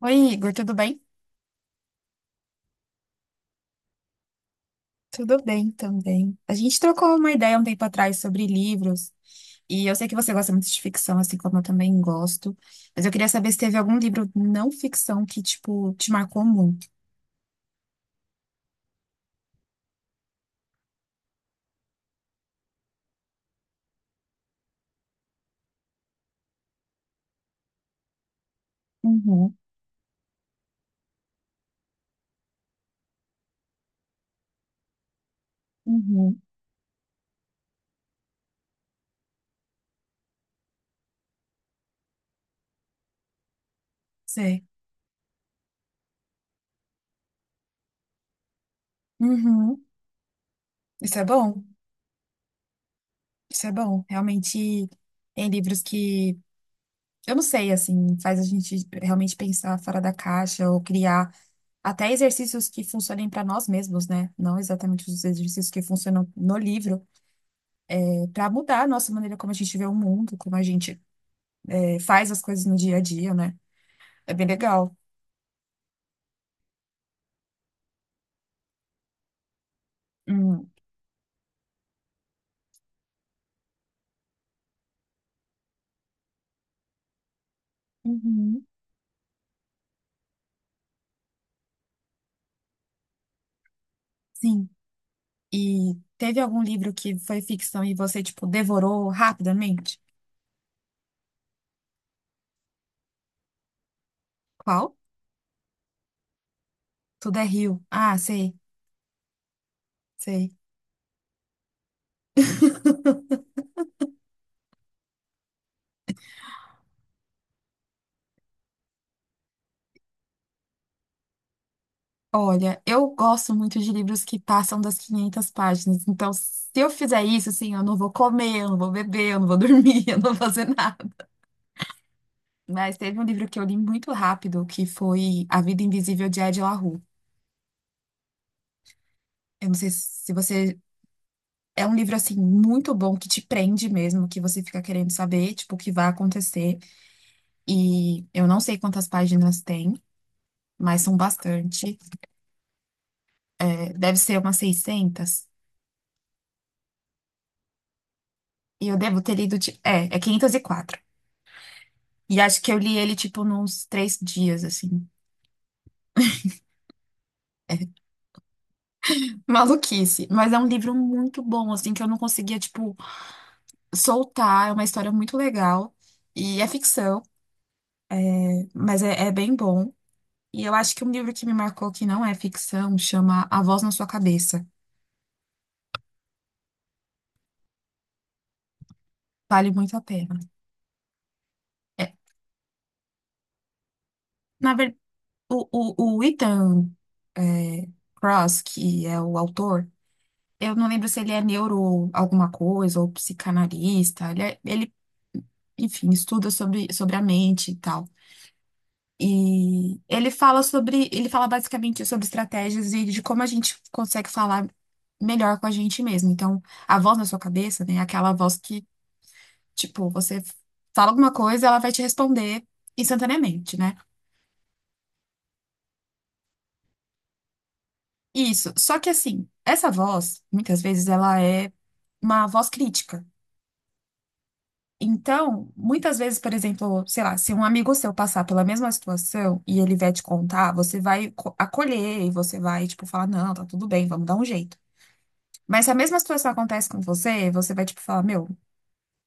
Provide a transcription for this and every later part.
Oi, Igor, tudo bem? Tudo bem também. A gente trocou uma ideia um tempo atrás sobre livros, e eu sei que você gosta muito de ficção, assim como eu também gosto, mas eu queria saber se teve algum livro não ficção que, tipo, te marcou muito. Uhum, uhum, sei. Uhum. Isso é bom, isso é bom. Realmente tem livros que, eu não sei, assim, faz a gente realmente pensar fora da caixa ou criar até exercícios que funcionem para nós mesmos, né? Não exatamente os exercícios que funcionam no livro. Para mudar a nossa maneira como a gente vê o mundo, como a gente faz as coisas no dia a dia, né? É bem legal. Hum, uhum, sim. E teve algum livro que foi ficção e você, tipo, devorou rapidamente? Qual? Tudo é Rio. Ah, sei, sei. Olha, eu gosto muito de livros que passam das 500 páginas. Então, se eu fizer isso, assim, eu não vou comer, eu não vou beber, eu não vou dormir, eu não vou fazer nada. Mas teve um livro que eu li muito rápido, que foi A Vida Invisível de Ed La Rue. Eu não sei se você... É um livro, assim, muito bom, que te prende mesmo, que você fica querendo saber, tipo, o que vai acontecer. E eu não sei quantas páginas tem, mas são bastante. É, deve ser umas 600. E eu devo ter lido, é 504. E quatro. E acho que eu li ele, tipo, nos três dias, assim. É, maluquice. Mas é um livro muito bom, assim, que eu não conseguia, tipo, soltar. É uma história muito legal. E é ficção, mas é bem bom. E eu acho que um livro que me marcou que não é ficção chama A Voz na Sua Cabeça. Vale muito a pena. É, na verdade, o Ethan é, Cross, que é o autor, eu não lembro se ele é neuro alguma coisa ou psicanalista. Ele enfim, estuda sobre a mente e tal. E ele fala sobre, ele fala basicamente sobre estratégias e de como a gente consegue falar melhor com a gente mesmo. Então, a voz na sua cabeça, né, é aquela voz que, tipo, você fala alguma coisa, ela vai te responder instantaneamente, né? Isso. Só que assim, essa voz, muitas vezes, ela é uma voz crítica. Então, muitas vezes, por exemplo, sei lá, se um amigo seu passar pela mesma situação e ele vier te contar, você vai acolher e você vai, tipo, falar, não, tá tudo bem, vamos dar um jeito. Mas se a mesma situação acontece com você, você vai, tipo, falar, meu,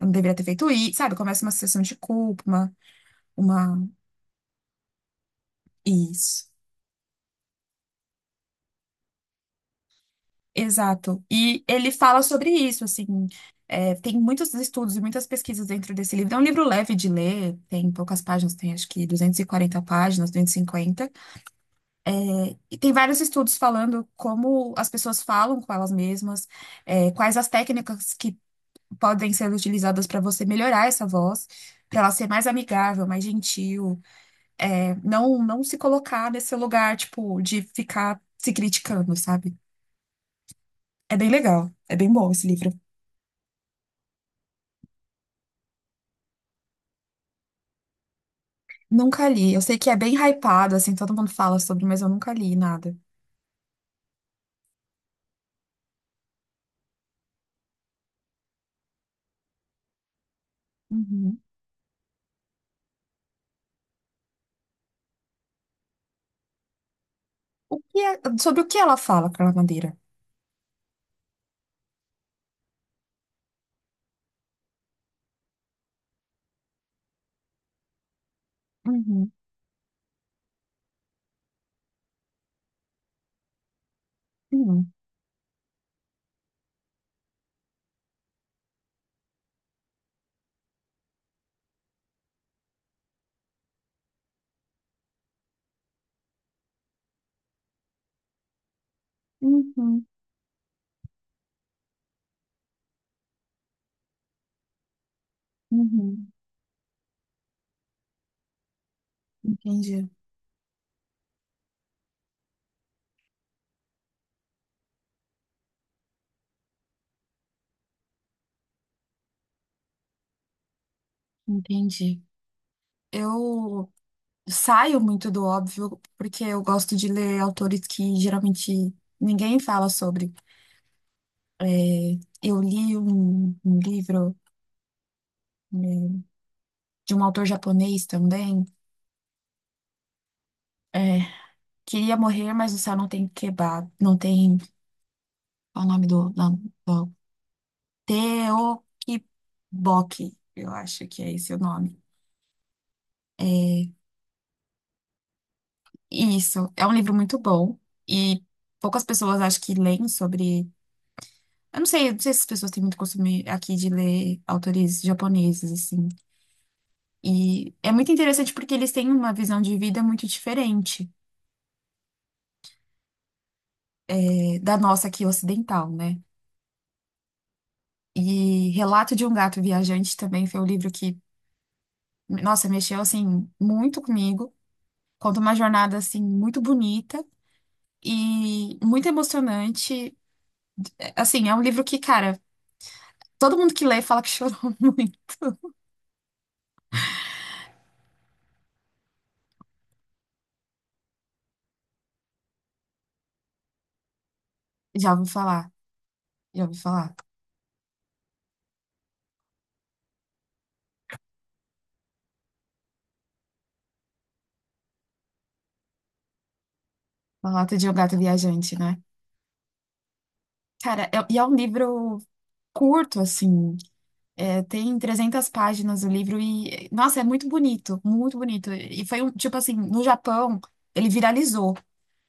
eu não deveria ter feito isso, sabe? Começa uma sensação de culpa, uma... Isso. Exato. E ele fala sobre isso, assim. É, tem muitos estudos e muitas pesquisas dentro desse livro. É um livro leve de ler, tem poucas páginas, tem acho que 240 páginas, 250. E cinquenta. É, e tem vários estudos falando como as pessoas falam com elas mesmas, quais as técnicas que podem ser utilizadas para você melhorar essa voz, para ela ser mais amigável, mais gentil, não, não se colocar nesse lugar, tipo, de ficar se criticando, sabe? É bem legal, é bem bom esse livro. Nunca li. Eu sei que é bem hypado, assim, todo mundo fala sobre, mas eu nunca li nada. Uhum, o que é- sobre o que ela fala, Carla Madeira? Uhum, hum, uhum, uhum. Entendi. Entendi. Eu saio muito do óbvio, porque eu gosto de ler autores que geralmente ninguém fala sobre. É, eu li um livro, né, de um autor japonês também. é, Queria morrer, mas o céu não tem quebrado. Não tem. Qual é o nome do Teotihuacan, eu acho que é esse o nome. Isso, é um livro muito bom e poucas pessoas acho que leem sobre. Eu não sei se as pessoas têm muito costume aqui de ler autores japoneses, assim. E é muito interessante porque eles têm uma visão de vida muito diferente da nossa aqui ocidental, né? E Relato de um Gato Viajante também foi um livro que, nossa, mexeu, assim, muito comigo. Conta uma jornada, assim, muito bonita e muito emocionante. Assim, é um livro que, cara, todo mundo que lê fala que chorou muito. Já ouvi falar, já ouvi falar. Uma lata de um gato viajante, né? Cara, e é um livro curto, assim. É, tem 300 páginas o livro e, nossa, é muito bonito, muito bonito. E foi um, tipo assim, no Japão, ele viralizou.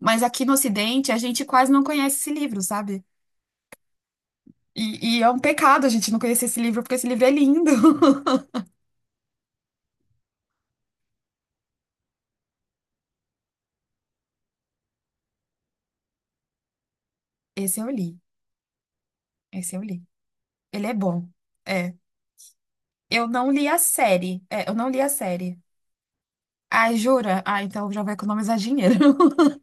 Mas aqui no Ocidente, a gente quase não conhece esse livro, sabe? E é um pecado a gente não conhecer esse livro, porque esse livro é lindo. Esse eu li, esse eu li. Ele é bom. É, eu não li a série. É, eu não li a série. Ah, jura? Ah, então já vai economizar dinheiro.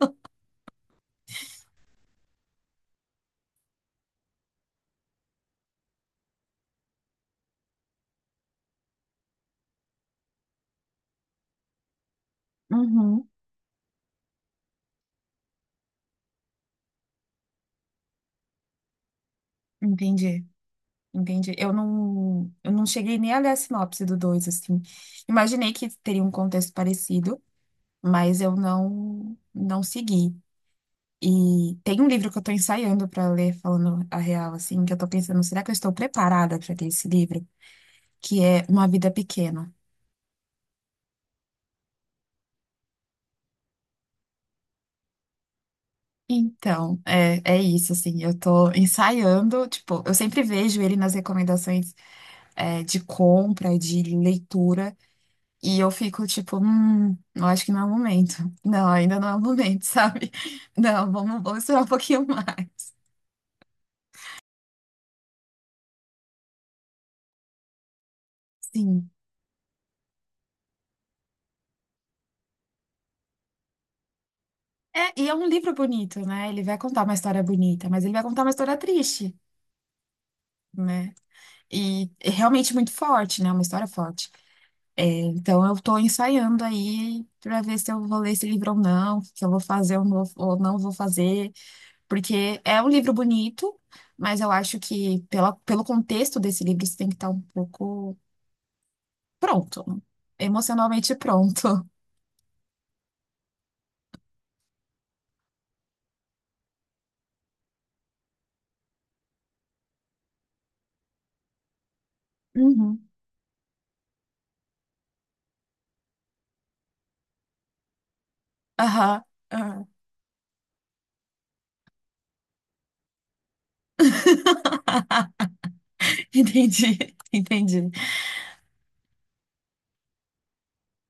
Uhum, entendi, entendi. Eu não cheguei nem a ler a sinopse do dois assim. Imaginei que teria um contexto parecido, mas eu não, não segui. E tem um livro que eu tô ensaiando para ler, falando a real, assim, que eu tô pensando, será que eu estou preparada para ter esse livro? Que é Uma Vida Pequena. Então, é isso, assim, eu tô ensaiando, tipo, eu sempre vejo ele nas recomendações, de compra, de leitura, e eu fico tipo, eu acho que não é o momento. Não, ainda não é o momento, sabe? Não, vamos esperar um pouquinho mais. Sim. É, e é um livro bonito, né? Ele vai contar uma história bonita, mas ele vai contar uma história triste, né? E realmente muito forte, né? Uma história forte. Então, eu estou ensaiando aí para ver se eu vou ler esse livro ou não, se eu vou fazer ou não vou fazer, porque é um livro bonito, mas eu acho que pelo contexto desse livro você tem que estar um pouco pronto, emocionalmente pronto. Uhum. Aham. Aham. Entendi, entendi.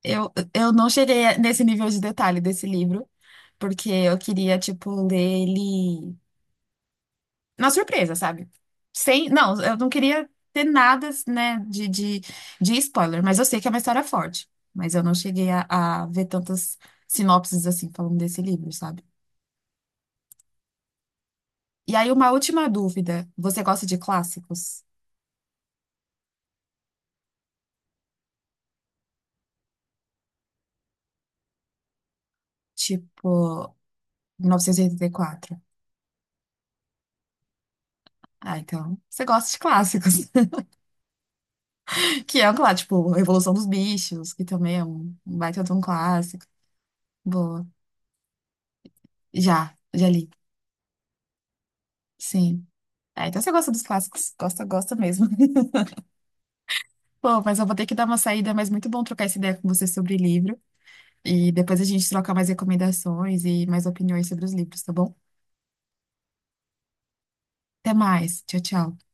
Eu não cheguei nesse nível de detalhe desse livro, porque eu queria, tipo, ler ele. Na surpresa, sabe? Sem, não, eu não queria ter nada, né, de spoiler, mas eu sei que é uma história forte. Mas eu não cheguei a ver tantas sinopses assim falando desse livro, sabe? E aí, uma última dúvida. Você gosta de clássicos? Tipo, 1984. Ah, então, você gosta de clássicos. Que é um clássico, tipo, Revolução dos Bichos, que também é um baita de um clássico. Boa. Já, já li. Sim. Ah, então você gosta dos clássicos. Gosta, gosta mesmo. Pô, mas eu vou ter que dar uma saída, mas muito bom trocar essa ideia com você sobre livro. E depois a gente troca mais recomendações e mais opiniões sobre os livros, tá bom? Até mais. Tchau, tchau.